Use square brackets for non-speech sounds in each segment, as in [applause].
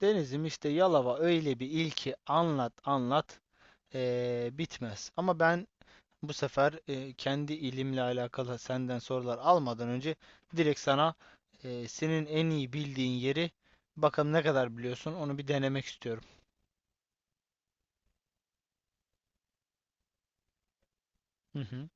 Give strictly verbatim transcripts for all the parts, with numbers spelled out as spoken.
Denizim, işte Yalova öyle bir il ki anlat anlat eee, bitmez. Ama ben bu sefer eee, kendi ilimle alakalı senden sorular almadan önce direkt sana eee, senin en iyi bildiğin yeri bakalım ne kadar biliyorsun, onu bir denemek istiyorum. Hı hı.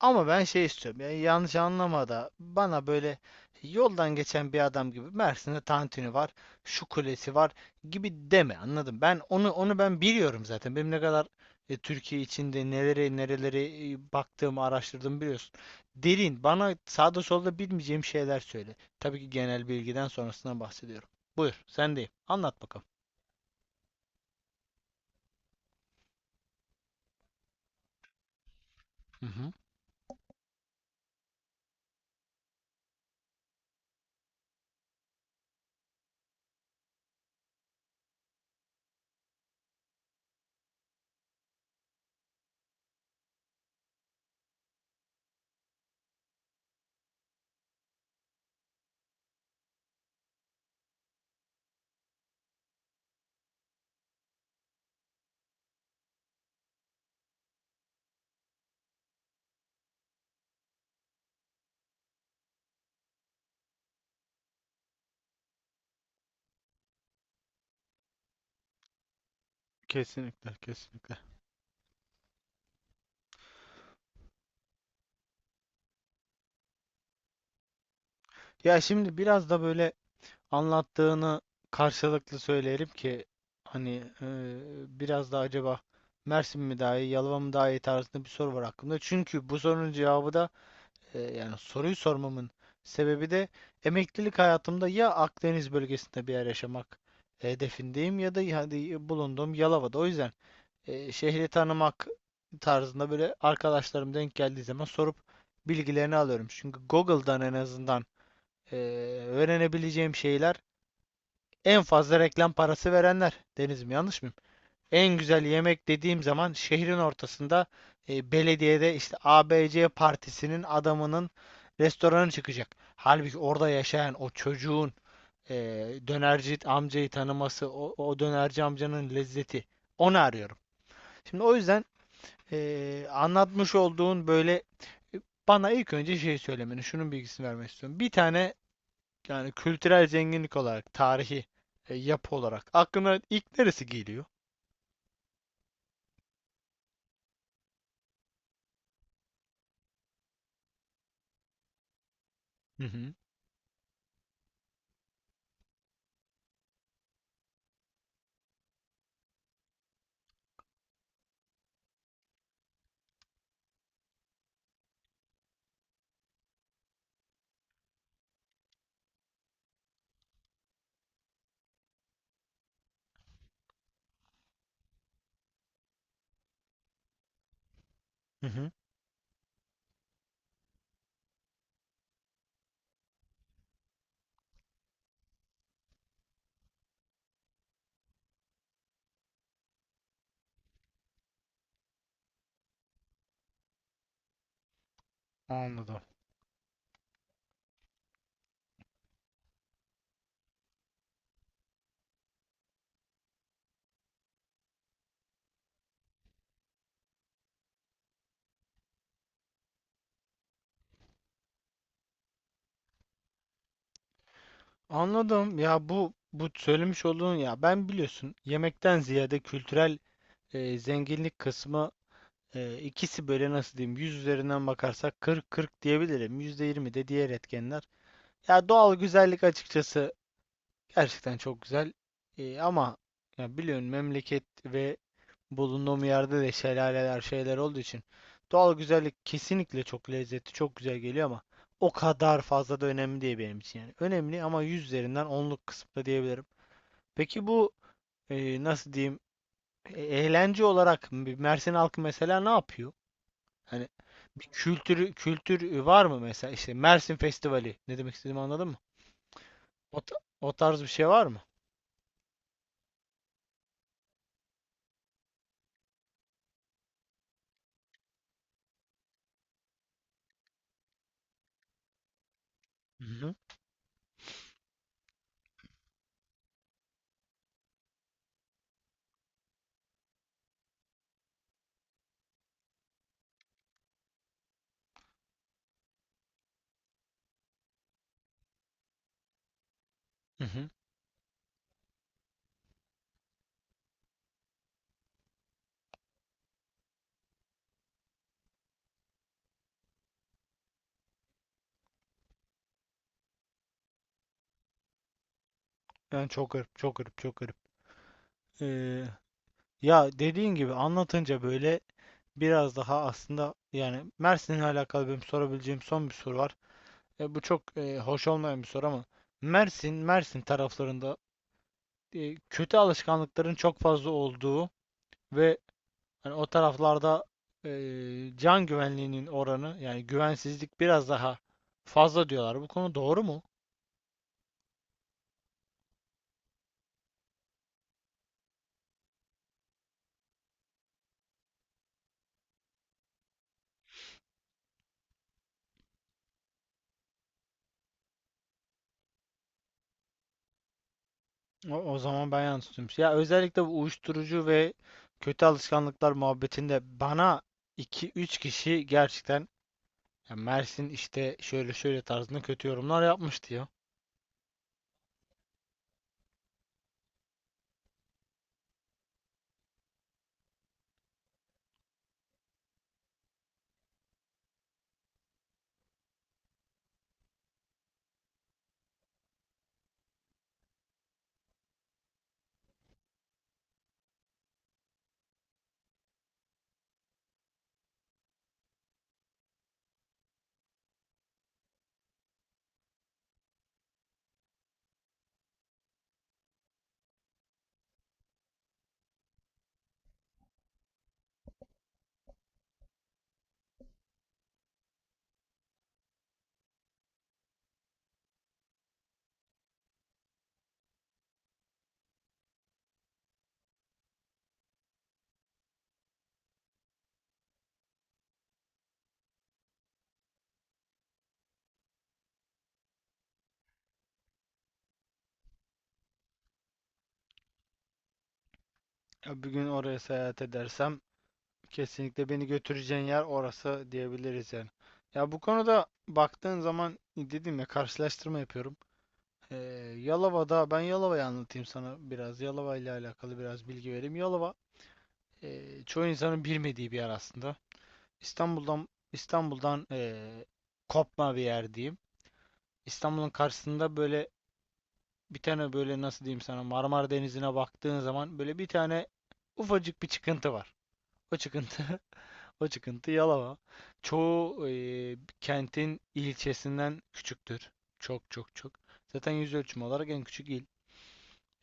Ama ben şey istiyorum. Yani yanlış anlama da bana böyle yoldan geçen bir adam gibi Mersin'de tantuni var, şu kulesi var gibi deme. Anladım. Ben onu onu ben biliyorum zaten. Benim ne kadar e, Türkiye içinde neleri nereleri e, baktığımı, araştırdığımı biliyorsun. Derin, bana sağda solda bilmeyeceğim şeyler söyle. Tabii ki genel bilgiden sonrasından bahsediyorum. Buyur, sendeyim. Anlat bakalım. Hı hı. Kesinlikle, kesinlikle. Ya şimdi biraz da böyle anlattığını karşılıklı söyleyelim ki hani eee, biraz da acaba Mersin mi daha iyi, Yalova mı daha iyi tarzında bir soru var aklımda. Çünkü bu sorunun cevabı da eee, yani soruyu sormamın sebebi de emeklilik hayatımda ya Akdeniz bölgesinde bir yer yaşamak hedefindeyim ya da yani bulunduğum Yalova'da. O yüzden eee, şehri tanımak tarzında böyle arkadaşlarım denk geldiği zaman sorup bilgilerini alıyorum. Çünkü Google'dan en azından eee, öğrenebileceğim şeyler en fazla reklam parası verenler. Denizim, yanlış mıyım? En güzel yemek dediğim zaman şehrin ortasında e, belediyede işte A B C partisinin adamının restoranı çıkacak. Halbuki orada yaşayan o çocuğun e, dönerci amcayı tanıması, o, o dönerci amcanın lezzeti. Onu arıyorum. Şimdi o yüzden e, anlatmış olduğun böyle, e, bana ilk önce şey söylemeni, şunun bilgisini vermek istiyorum. Bir tane yani kültürel zenginlik olarak, tarihi e, yapı olarak aklına ilk neresi geliyor? Hı hı. Hı hı. Anladım. Anladım. Ya bu bu söylemiş olduğun, ya ben biliyorsun yemekten ziyade kültürel e, zenginlik kısmı, e, ikisi böyle nasıl diyeyim, yüz üzerinden bakarsak kırk kırk diyebilirim. yüzde yirmi de diğer etkenler. Ya doğal güzellik açıkçası gerçekten çok güzel. Ee, ama ya biliyorsun memleket ve bulunduğum yerde de şelaleler şeyler olduğu için doğal güzellik kesinlikle çok lezzetli, çok güzel geliyor ama o kadar fazla da önemli değil benim için yani. Önemli ama yüz üzerinden onluk kısımda diyebilirim. Peki bu e, nasıl diyeyim, e- eğlence olarak m- Mersin halkı mesela ne yapıyor? Hani bir kültürü kültür var mı mesela, işte Mersin Festivali, ne demek istediğimi anladın mı? O, ta- o tarz bir şey var mı? Hı hı. Yani çok garip, çok garip, çok garip. Ee, ya dediğin gibi anlatınca böyle biraz daha aslında yani Mersin'le alakalı benim sorabileceğim son bir soru var. E, bu çok e, hoş olmayan bir soru ama Mersin, Mersin taraflarında e, kötü alışkanlıkların çok fazla olduğu ve hani o taraflarda e, can güvenliğinin oranı, yani güvensizlik biraz daha fazla diyorlar. Bu konu doğru mu? O, o zaman ben yanlış tutmuş. Ya özellikle bu uyuşturucu ve kötü alışkanlıklar muhabbetinde bana iki üç kişi gerçekten ya Mersin işte şöyle şöyle tarzında kötü yorumlar yapmıştı ya. Ya bir gün oraya seyahat edersem kesinlikle beni götüreceğin yer orası diyebiliriz yani. Ya bu konuda baktığın zaman, dedim ya, karşılaştırma yapıyorum. Ee, Yalova'da, ben Yalova'yı anlatayım sana biraz. Yalova ile alakalı biraz bilgi vereyim. Yalova e, çoğu insanın bilmediği bir yer aslında. İstanbul'dan İstanbul'dan e, kopma bir yer diyeyim. İstanbul'un karşısında böyle bir tane, böyle nasıl diyeyim sana, Marmara Denizi'ne baktığın zaman böyle bir tane ufacık bir çıkıntı var. O çıkıntı [laughs] o çıkıntı Yalova. Çoğu e, kentin ilçesinden küçüktür. Çok çok çok. Zaten yüz ölçümü olarak en küçük.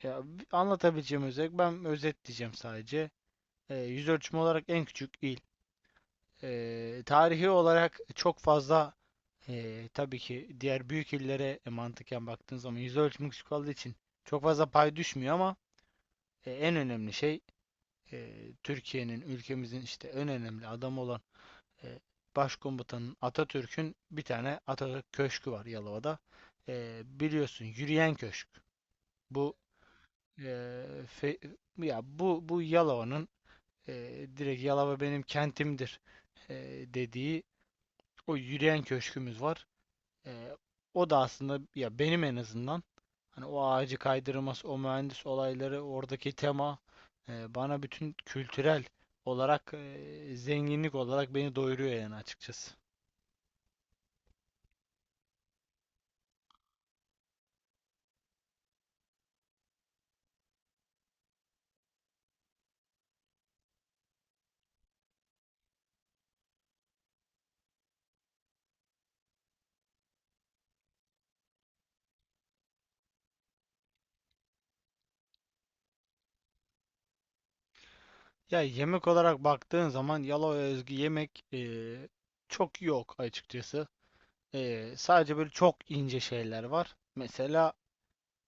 Ya, anlatabileceğim özet, ben özetleyeceğim sadece. Ee, yüz ölçümü olarak en küçük il. Ee, tarihi olarak çok fazla ee, tabii ki diğer büyük illere e, mantıken baktığın zaman yüz ölçümü küçük olduğu için çok fazla pay düşmüyor ama e, en önemli şey, e, Türkiye'nin, ülkemizin işte en önemli adamı olan e, Başkomutanın, Atatürk'ün bir tane Atatürk Köşkü var Yalova'da. Ee, biliyorsun, Yürüyen Köşk. Bu e, fe- ya bu bu Yalova'nın e, direkt Yalova benim kentimdir e, dediği o yürüyen köşkümüz var. E, o da aslında ya benim en azından hani o ağacı kaydırması, o mühendis olayları, oradaki tema e, bana bütün kültürel olarak e, zenginlik olarak beni doyuruyor yani açıkçası. Ya yemek olarak baktığın zaman Yalova'ya özgü yemek e, çok yok açıkçası. E, sadece böyle çok ince şeyler var. Mesela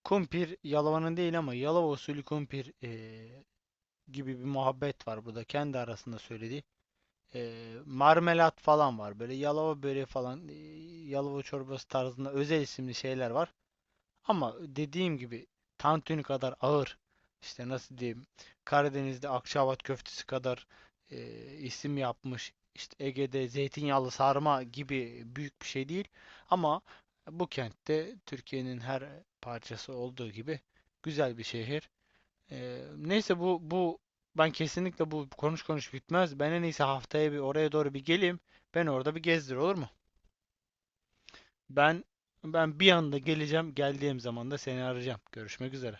kumpir Yalova'nın değil ama Yalova usulü kumpir eee, gibi bir muhabbet var burada kendi arasında söylediği. Eee, marmelat falan var, böyle Yalova böreği falan, eee, Yalova çorbası tarzında özel isimli şeyler var. Ama dediğim gibi tantuni kadar ağır, işte nasıl diyeyim, Karadeniz'de Akçaabat köftesi kadar e, isim yapmış, işte Ege'de zeytinyağlı sarma gibi büyük bir şey değil ama bu kentte, Türkiye'nin her parçası olduğu gibi, güzel bir şehir. E, neyse bu bu ben kesinlikle bu konuş konuş bitmez. Ben en iyisi haftaya bir oraya doğru bir geleyim. Ben orada bir gezdir, olur mu? Ben Ben bir anda geleceğim. Geldiğim zaman da seni arayacağım. Görüşmek üzere.